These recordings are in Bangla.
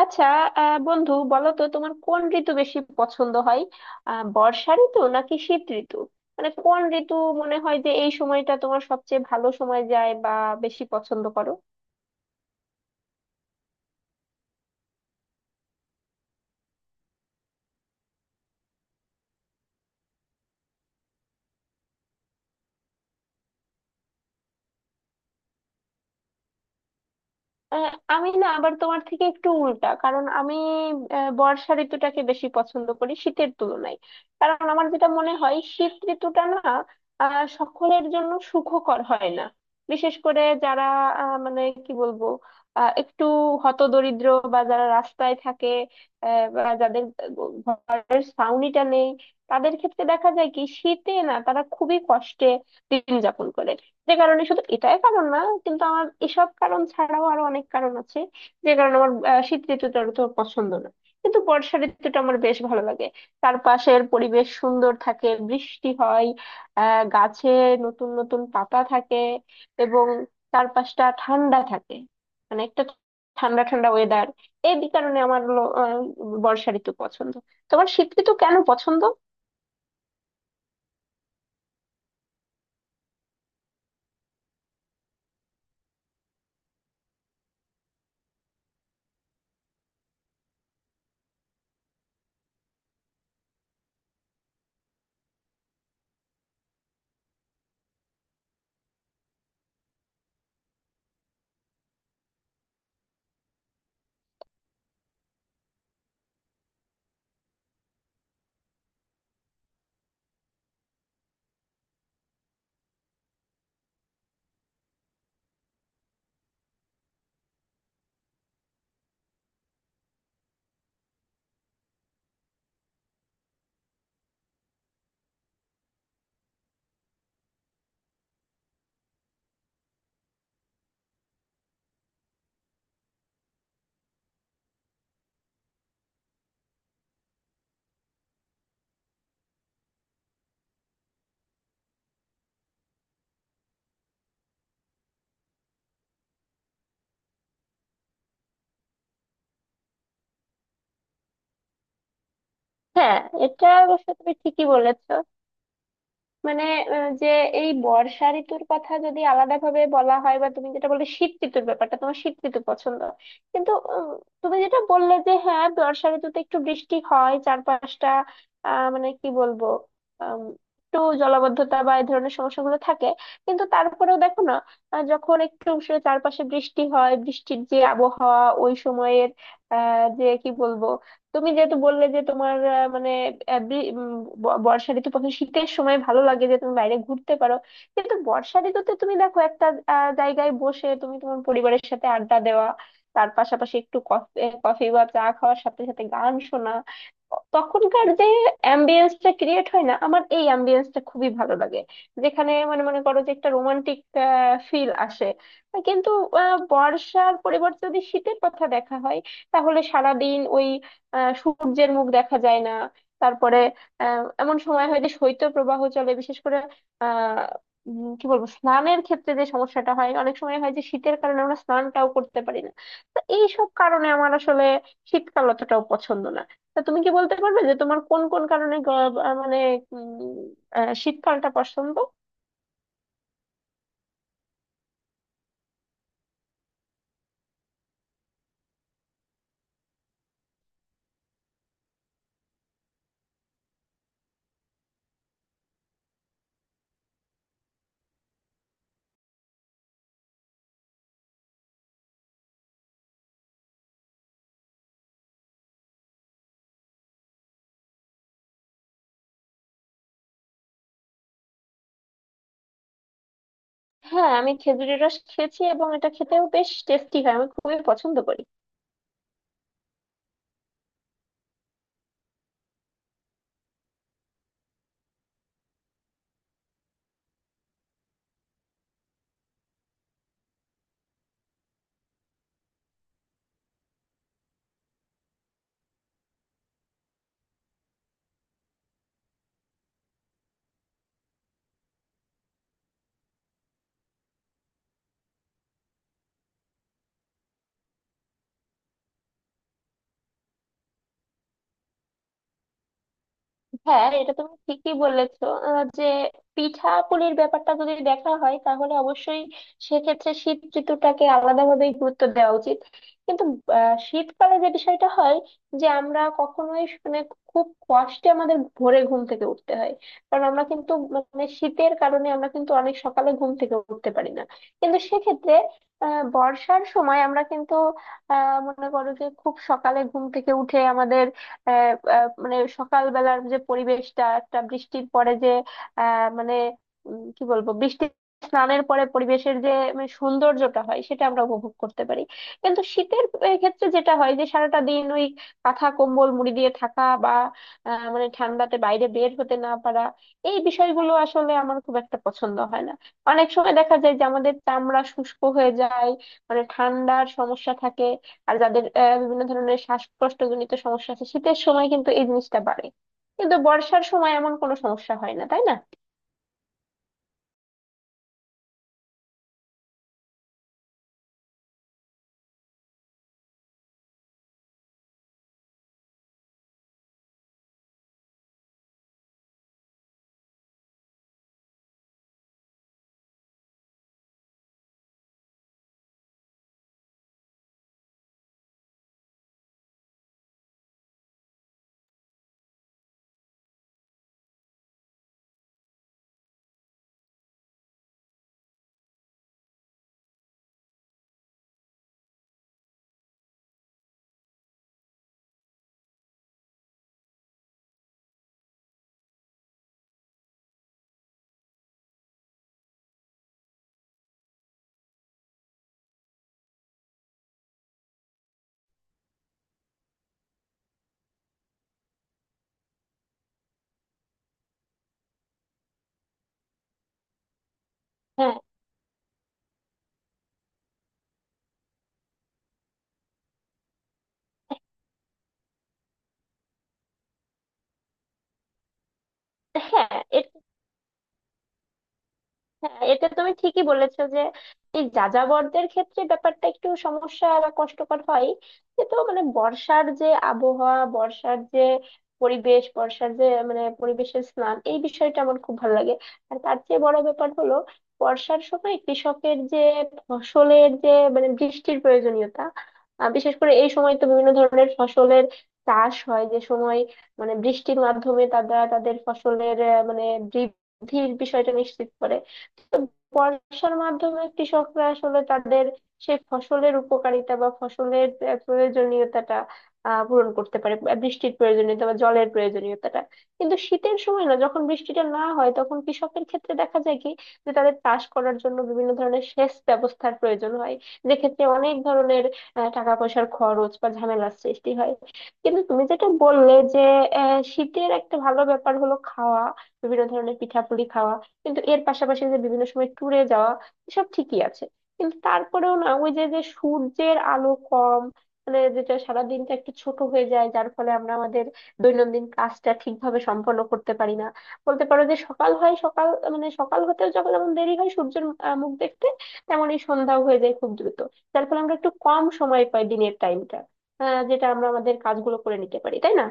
আচ্ছা। বন্ধু, বলো তো তোমার কোন ঋতু বেশি পছন্দ হয়? বর্ষা ঋতু নাকি শীত ঋতু? মানে কোন ঋতু মনে হয় যে এই সময়টা তোমার সবচেয়ে ভালো সময় যায়, বা বেশি পছন্দ করো? আহ, আমি না, আবার তোমার থেকে একটু উল্টা। কারণ আমি বর্ষা ঋতুটাকে বেশি পছন্দ করি শীতের তুলনায়। কারণ আমার যেটা মনে হয় শীত ঋতুটা না সকলের জন্য সুখকর হয় না। বিশেষ করে যারা মানে কি বলবো, একটু হতদরিদ্র, বা যারা রাস্তায় থাকে, বা যাদের ঘরের ছাউনিটা নেই, তাদের ক্ষেত্রে দেখা যায় কি, শীতে না তারা খুবই কষ্টে দিন যাপন করে। যে কারণে, শুধু এটাই কারণ না, কিন্তু আমার এসব কারণ ছাড়াও আরো অনেক কারণ আছে যে কারণে আমার শীত ঋতুটা তো পছন্দ না। কিন্তু বর্ষা ঋতুটা আমার বেশ ভালো লাগে। চারপাশের পরিবেশ সুন্দর থাকে, বৃষ্টি হয়, গাছে নতুন নতুন পাতা থাকে, এবং চারপাশটা ঠান্ডা থাকে। মানে একটা ঠান্ডা ঠান্ডা ওয়েদার। এই কারণে আমার হলো, বর্ষা ঋতু পছন্দ। তোমার শীত ঋতু কেন পছন্দ? হ্যাঁ, এটা অবশ্য তুমি ঠিকই বলেছ। মানে, যে এই বর্ষা ঋতুর কথা যদি আলাদা ভাবে বলা হয়, বা তুমি যেটা বললে শীত ঋতুর ব্যাপারটা, তোমার শীত ঋতু পছন্দ। কিন্তু তুমি যেটা বললে যে, হ্যাঁ, বর্ষা ঋতুতে একটু বৃষ্টি হয়, চারপাশটা মানে কি বলবো, আম, একটু জলাবদ্ধতা বা এই ধরনের সমস্যাগুলো থাকে। কিন্তু তারপরেও দেখো না, যখন একটু সে চারপাশে বৃষ্টি হয়, বৃষ্টির যে আবহাওয়া ওই সময়ের, যে কি বলবো। তুমি যেহেতু বললে যে তোমার মানে আহ, বি- উম, বর্ষা ঋতু পছন্দ, শীতের সময় ভালো লাগে যে তুমি বাইরে ঘুরতে পারো। কিন্তু বর্ষা ঋতুতে তুমি দেখো একটা জায়গায় বসে তুমি তোমার পরিবারের সাথে আড্ডা দেওয়া, তার পাশাপাশি একটু কফি কফি বা চা খাওয়ার সাথে সাথে গান শোনা। তখনকার যে অ্যাম্বিয়েন্সটা ক্রিয়েট হয় না, আমার এই অ্যাম্বিয়েন্সটা খুবই ভালো লাগে। যেখানে মানে মনে করো যে একটা রোমান্টিক ফিল আসে। কিন্তু বর্ষার পরিবর্তে যদি শীতের কথা দেখা হয়, তাহলে সারাদিন ওই সূর্যের মুখ দেখা যায় না। তারপরে এমন সময় হয় যে শৈত্য প্রবাহ চলে। বিশেষ করে আহ কি বলবো, স্নানের ক্ষেত্রে যে সমস্যাটা হয়, অনেক সময় হয় যে শীতের কারণে আমরা স্নানটাও করতে পারি না। তো এইসব কারণে আমার আসলে শীতকাল অতটাও পছন্দ না। তা তুমি কি বলতে পারবে যে তোমার কোন কোন কারণে মানে উম, শীতকালটা পছন্দ? হ্যাঁ, আমি খেজুরের রস খেয়েছি, এবং এটা খেতেও বেশ টেস্টি হয়। আমি খুবই পছন্দ করি। হ্যাঁ, এটা তুমি ঠিকই বলেছো। যে পিঠাপুলির ব্যাপারটা যদি দেখা হয়, তাহলে অবশ্যই সেক্ষেত্রে শীত ঋতুটাকে আলাদাভাবে গুরুত্ব দেওয়া উচিত। কিন্তু শীতকালে যে বিষয়টা হয় যে আমরা কখনোই, মানে, খুব কষ্টে আমাদের ভোরে ঘুম থেকে উঠতে হয়। কারণ আমরা কিন্তু, মানে, শীতের কারণে আমরা কিন্তু অনেক সকালে ঘুম থেকে উঠতে পারি না। কিন্তু সেক্ষেত্রে বর্ষার সময় আমরা কিন্তু মনে করো যে খুব সকালে ঘুম থেকে উঠে আমাদের, আহ, আহ, মানে সকালবেলার যে পরিবেশটা, একটা বৃষ্টির পরে যে মানে কি বলবো, বৃষ্টি স্নানের পরে পরিবেশের যে মানে সৌন্দর্যটা হয়, সেটা আমরা উপভোগ করতে পারি। কিন্তু শীতের ক্ষেত্রে যেটা হয় যে সারাটা দিন ওই কাঁথা কম্বল মুড়ি দিয়ে থাকা, বা মানে ঠান্ডাতে বাইরে বের হতে না পারা, এই বিষয়গুলো আসলে আমার খুব একটা পছন্দ হয় না। অনেক সময় দেখা যায় যে আমাদের চামড়া শুষ্ক হয়ে যায়, মানে ঠান্ডার সমস্যা থাকে। আর যাদের বিভিন্ন ধরনের শ্বাসকষ্টজনিত সমস্যা আছে, শীতের সময় কিন্তু এই জিনিসটা বাড়ে। কিন্তু বর্ষার সময় এমন কোনো সমস্যা হয় না, তাই না? হ্যাঁ, হ্যাঁ, হ্যাঁ, এটা তুমি ঠিকই বলেছো যে এই যাযাবরদের ক্ষেত্রে ব্যাপারটা একটু সমস্যা বা কষ্টকর হয়। কিন্তু মানে বর্ষার যে আবহাওয়া, বর্ষার যে পরিবেশ, বর্ষার যে মানে পরিবেশের স্নান, এই বিষয়টা আমার খুব ভালো লাগে। আর তার চেয়ে বড় ব্যাপার হলো, বর্ষার সময় কৃষকের যে ফসলের যে মানে বৃষ্টির প্রয়োজনীয়তা, বিশেষ করে এই সময় তো বিভিন্ন ধরনের ফসলের চাষ হয় যে সময়, মানে বৃষ্টির মাধ্যমে তারা তাদের ফসলের মানে বৃদ্ধির বিষয়টা নিশ্চিত করে। বর্ষার মাধ্যমে কৃষকরা আসলে তাদের সেই ফসলের উপকারিতা বা ফসলের প্রয়োজনীয়তাটা পূরণ করতে পারে, বৃষ্টির প্রয়োজনীয়তা বা জলের প্রয়োজনীয়তাটা। কিন্তু শীতের সময় না, যখন বৃষ্টিটা না হয়, তখন কৃষকের ক্ষেত্রে দেখা যায় কি যে তাদের চাষ করার জন্য বিভিন্ন ধরনের সেচ ব্যবস্থার প্রয়োজন হয়, যেক্ষেত্রে অনেক ধরনের টাকা পয়সার খরচ বা ঝামেলার সৃষ্টি হয়। কিন্তু তুমি যেটা বললে যে শীতের একটা ভালো ব্যাপার হলো খাওয়া, বিভিন্ন ধরনের পিঠাপুলি খাওয়া। কিন্তু এর পাশাপাশি যে বিভিন্ন সময় ট্যুরে যাওয়া, এসব ঠিকই আছে। কিন্তু তারপরেও না, ওই যে যে সূর্যের আলো কম, মানে যেটা সারাদিনটা একটু ছোট হয়ে যায়, যার ফলে আমরা আমাদের দৈনন্দিন কাজটা ঠিকভাবে সম্পন্ন করতে পারি না। বলতে পারো যে, সকাল, মানে সকাল হতেও যখন যেমন দেরি হয় সূর্যের মুখ দেখতে, তেমনই সন্ধ্যাও হয়ে যায় খুব দ্রুত। যার ফলে আমরা একটু কম সময় পাই, দিনের টাইমটা, যেটা আমরা আমাদের কাজগুলো করে নিতে পারি, তাই না?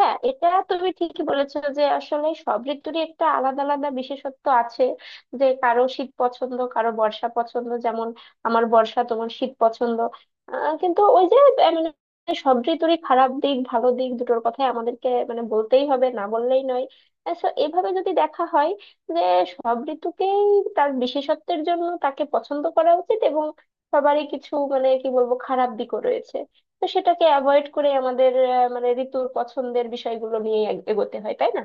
হ্যাঁ, এটা তুমি ঠিকই বলেছো যে আসলে সব ঋতুরই একটা আলাদা আলাদা বিশেষত্ব আছে। যে কারো শীত পছন্দ, কারো বর্ষা পছন্দ, যেমন আমার বর্ষা, তোমার শীত পছন্দ। কিন্তু ওই যে মানে সব ঋতুরই খারাপ দিক ভালো দিক দুটোর কথাই আমাদেরকে মানে বলতেই হবে, না বললেই নয়। So এভাবে যদি দেখা হয় যে সব ঋতুকেই তার বিশেষত্বের জন্য তাকে পছন্দ করা উচিত, এবং সবারই কিছু, মানে কি বলবো, খারাপ দিকও রয়েছে। তো সেটাকে অ্যাভয়েড করে আমাদের মানে ঋতুর পছন্দের বিষয়গুলো নিয়ে এগোতে হয়, তাই না?